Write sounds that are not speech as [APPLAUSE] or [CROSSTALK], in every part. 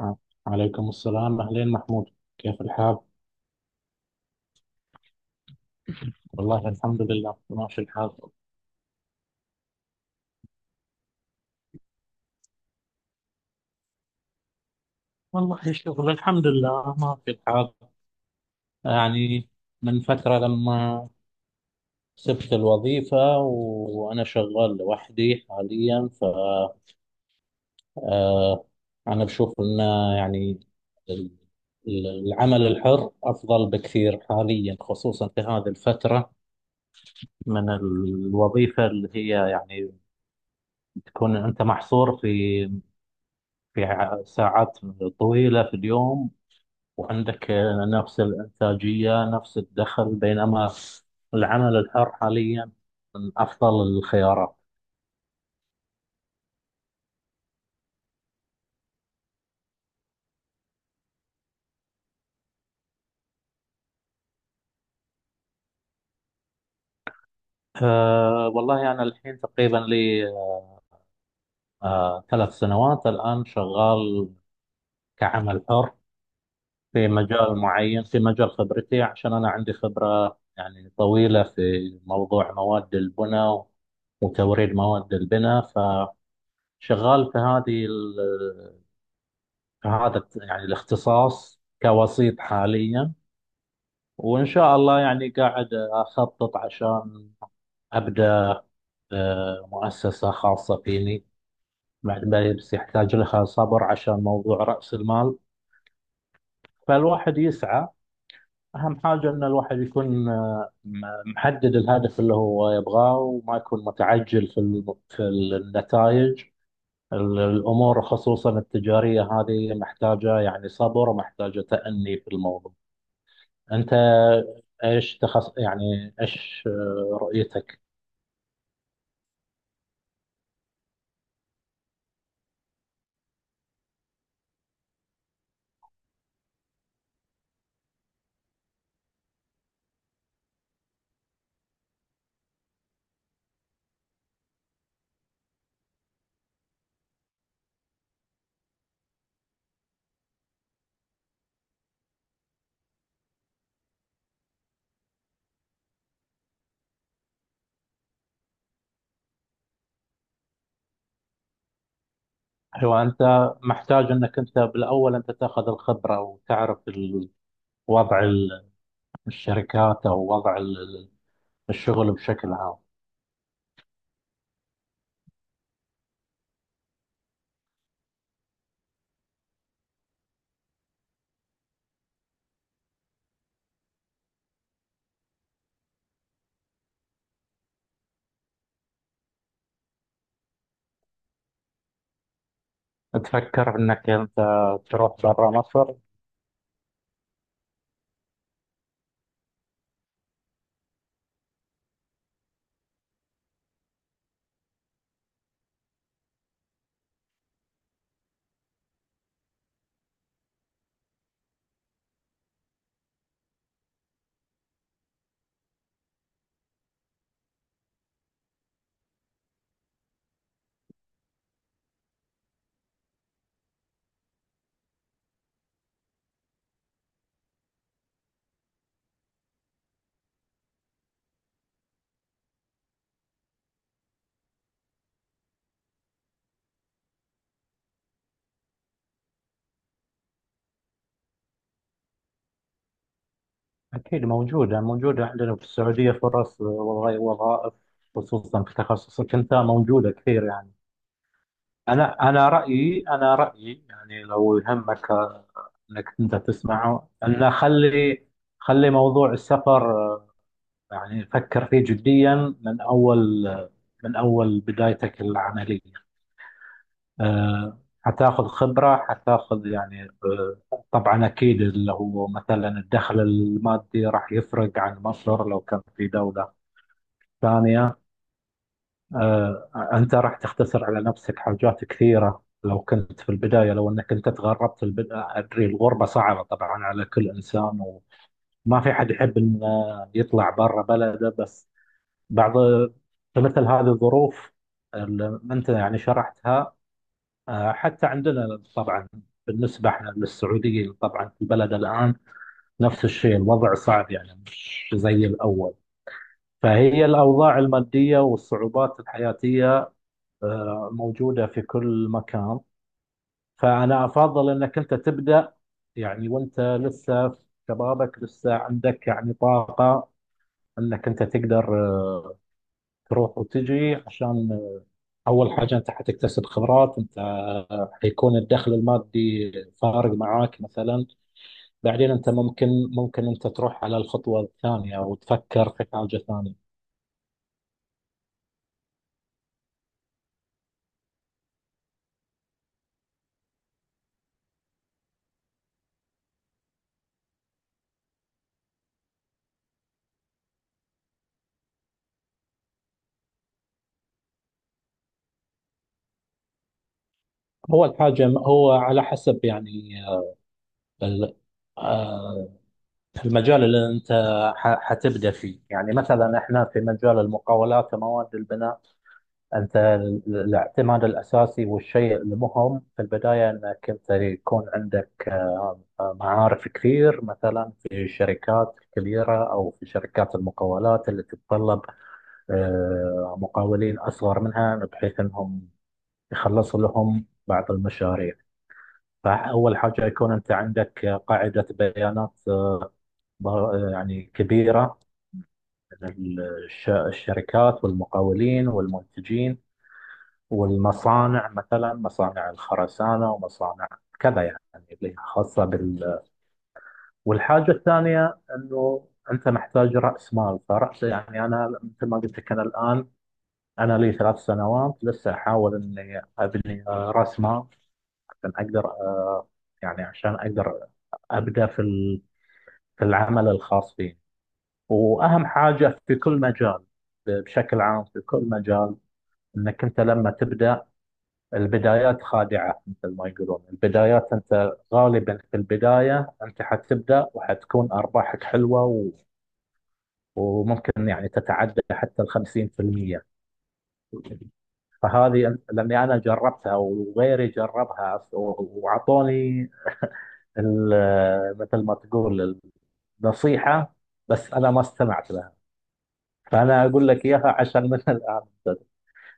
آه. عليكم السلام أهلين محمود، كيف الحال؟ والله الحمد لله ماشي الحال. والله الشغل الحمد لله ماشي الحال. يعني من فترة لما سبت الوظيفة وأنا شغال لوحدي حاليا ف آه، أنا بشوف إن يعني ال- العمل الحر أفضل بكثير حاليا خصوصا في هذه الفترة من الوظيفة اللي هي يعني تكون أنت محصور في ساعات طويلة في اليوم، وعندك نفس الإنتاجية نفس الدخل، بينما العمل الحر حاليا من أفضل الخيارات. أه والله أنا الحين تقريبا لي أه 3 سنوات الآن شغال كعمل حر في مجال معين، في مجال خبرتي، عشان أنا عندي خبرة يعني طويلة في موضوع مواد البناء وتوريد مواد البناء. فشغال في هذا يعني الاختصاص كوسيط حاليا. وإن شاء الله يعني قاعد أخطط عشان أبدأ مؤسسة خاصة فيني بعد ما- بس يحتاج لها صبر عشان موضوع رأس المال. فالواحد يسعى، أهم حاجة إن الواحد يكون محدد الهدف اللي هو يبغاه، وما يكون متعجل في النتائج. الأمور خصوصا التجارية هذه محتاجة يعني صبر ومحتاجة تأني في الموضوع. انت ايش تخص يعني ايش رؤيتك؟ هو انت محتاج انك انت بالاول انت تاخذ الخبره وتعرف وضع الشركات او وضع الشغل بشكل عام. تفكر انك انت تروح برا مصر؟ اكيد موجوده، موجوده عندنا في السعوديه فرص، والله وظائف، خصوصا في تخصصك انت موجوده كثير يعني. انا رايي، انا رايي يعني لو يهمك انك انت تسمعه، انه خلي موضوع السفر يعني فكر فيه جديا من اول من اول بدايتك العمليه. حتاخذ خبره، حتاخذ يعني طبعا اكيد اللي هو مثلا الدخل المادي راح يفرق عن مصر لو كان في دوله ثانيه. انت راح تختصر على نفسك حاجات كثيره لو كنت في البدايه، لو انك انت تغربت في البدايه. ادري الغربه صعبه طبعا على كل انسان، ما في حد يحب انه يطلع برا بلده، بس بعض فمثل هذه الظروف اللي انت يعني شرحتها. حتى عندنا طبعا بالنسبه احنا للسعوديين طبعا في البلد الان نفس الشيء، الوضع صعب يعني مش زي الاول. فهي الاوضاع الماديه والصعوبات الحياتيه موجوده في كل مكان. فانا افضل انك انت تبدا يعني وانت لسه في شبابك، لسه عندك يعني طاقه انك انت تقدر تروح وتجي، عشان اول حاجه انت حتكتسب خبرات، انت حيكون الدخل المادي فارق معاك مثلا. بعدين انت ممكن انت تروح على الخطوه الثانيه وتفكر في حاجه ثانيه. اول حاجه هو على حسب يعني ال- آه، المجال اللي انت حتبدا فيه، يعني مثلا احنا في مجال المقاولات ومواد البناء. أنت الاعتماد الأساسي والشيء المهم في البداية أنك أنت يكون عندك معارف كثير، مثلا في الشركات الكبيرة أو في شركات المقاولات اللي تتطلب مقاولين أصغر منها، بحيث أنهم يخلصوا لهم بعض المشاريع. فأول حاجة يكون أنت عندك قاعدة بيانات يعني كبيرة من الشركات والمقاولين والمنتجين والمصانع، مثلا مصانع الخرسانة ومصانع كذا يعني، اللي هي خاصة بال. والحاجة الثانية أنه أنت محتاج رأس مال. فرأس يعني أنا مثل ما قلت لك، أنا الآن أنا لي 3 سنوات لسه أحاول أني أبني رأس مال عشان أقدر يعني عشان أقدر أبدأ في العمل الخاص فيني. وأهم حاجة في كل مجال بشكل عام، في كل مجال، أنك أنت لما تبدأ، البدايات خادعة مثل ما يقولون. البدايات أنت غالبا في البداية أنت حتبدأ وحتكون أرباحك حلوة وممكن يعني تتعدى حتى 50%. لأني أنا جربتها وغيري جربها وعطوني مثل ما تقول النصيحة، بس أنا ما استمعت لها. فأنا أقول لك إياها عشان من [LAUGHS] الآن،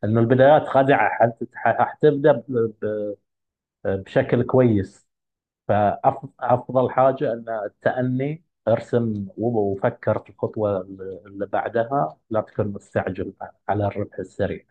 أنه البدايات خادعة. حتبدأ بشكل كويس. فأفضل حاجة أن التأني، ارسم وفكر في الخطوة اللي بعدها، لا تكون مستعجل على الربح السريع.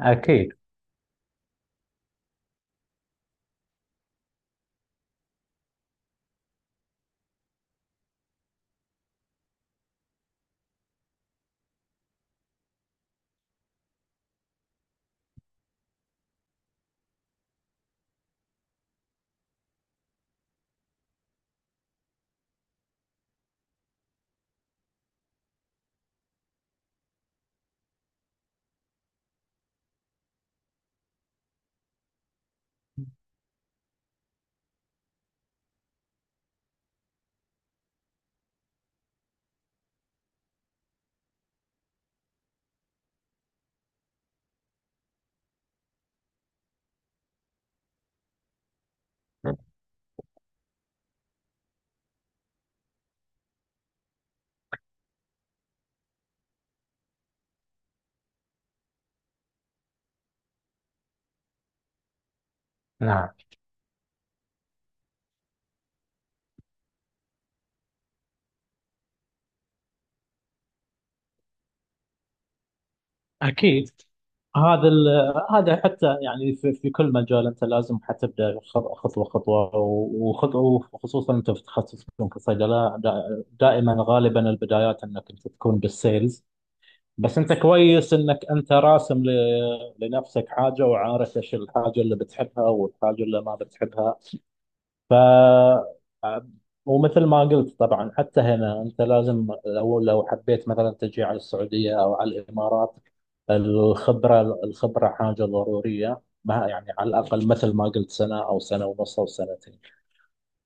أكيد. نعم. اكيد. هذا هذا حتى يعني في كل مجال، انت لازم حتبدا خطوه خطوه وخطوه، وخصوصا انت في تخصصكم كصيدله دائما غالبا البدايات انك انت تكون بالسيلز. بس انت كويس انك انت راسم لنفسك حاجه، وعارف ايش الحاجه اللي بتحبها والحاجه اللي ما بتحبها. ف ومثل ما قلت طبعا حتى هنا انت لازم لو حبيت مثلا تجي على السعوديه او على الامارات، الخبره حاجه ضروريه، ما يعني على الاقل مثل ما قلت سنه او سنه ونص او سنتين.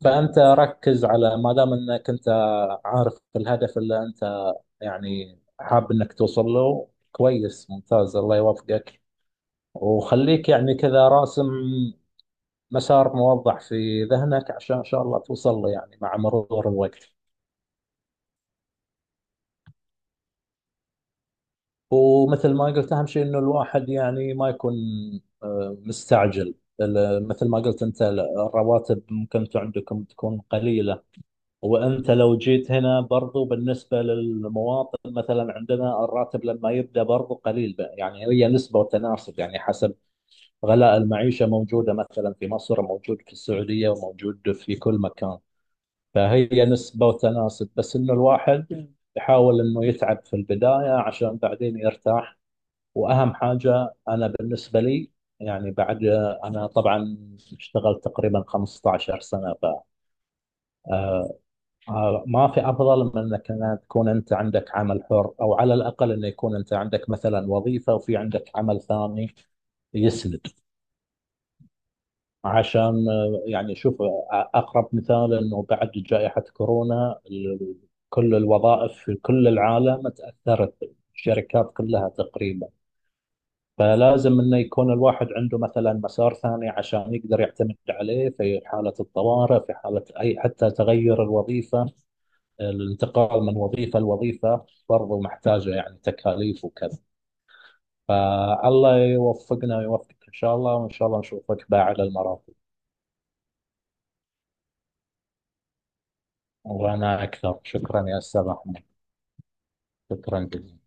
فانت ركز، على ما دام انك انت عارف الهدف اللي انت يعني حاب انك توصل له، كويس ممتاز، الله يوفقك. وخليك يعني كذا راسم مسار موضح في ذهنك عشان ان شاء الله توصل له يعني مع مرور الوقت. ومثل ما قلت اهم شيء انه الواحد يعني ما يكون مستعجل. مثل ما قلت انت الرواتب ممكن انتم عندكم تكون قليلة، وانت لو جيت هنا برضو بالنسبة للمواطن مثلا عندنا الراتب لما يبدأ برضو قليل بقى. يعني هي نسبة وتناسب، يعني حسب غلاء المعيشة، موجودة مثلا في مصر، موجود في السعودية، وموجود في كل مكان. فهي نسبة وتناسب، بس إنه الواحد يحاول إنه يتعب في البداية عشان بعدين يرتاح. وأهم حاجة أنا بالنسبة لي يعني بعد، أنا طبعا اشتغلت تقريبا 15 سنة، فما في أفضل من إنك أنا تكون أنت عندك عمل حر، أو على الأقل إنه يكون أنت عندك مثلا وظيفة وفي عندك عمل ثاني يسند، عشان يعني شوف أقرب مثال أنه بعد جائحة كورونا كل الوظائف في كل العالم تأثرت، الشركات كلها تقريبا. فلازم أنه يكون الواحد عنده مثلا مسار ثاني عشان يقدر يعتمد عليه في حالة الطوارئ، في حالة أي حتى تغير الوظيفة. الانتقال من وظيفة لوظيفة برضو محتاجة يعني تكاليف وكذا. فالله يوفقنا ويوفقك إن شاء الله، وإن شاء الله نشوفك بقى على المرافق. وأنا أكثر شكرا يا أستاذ أحمد. شكرا جزيلا.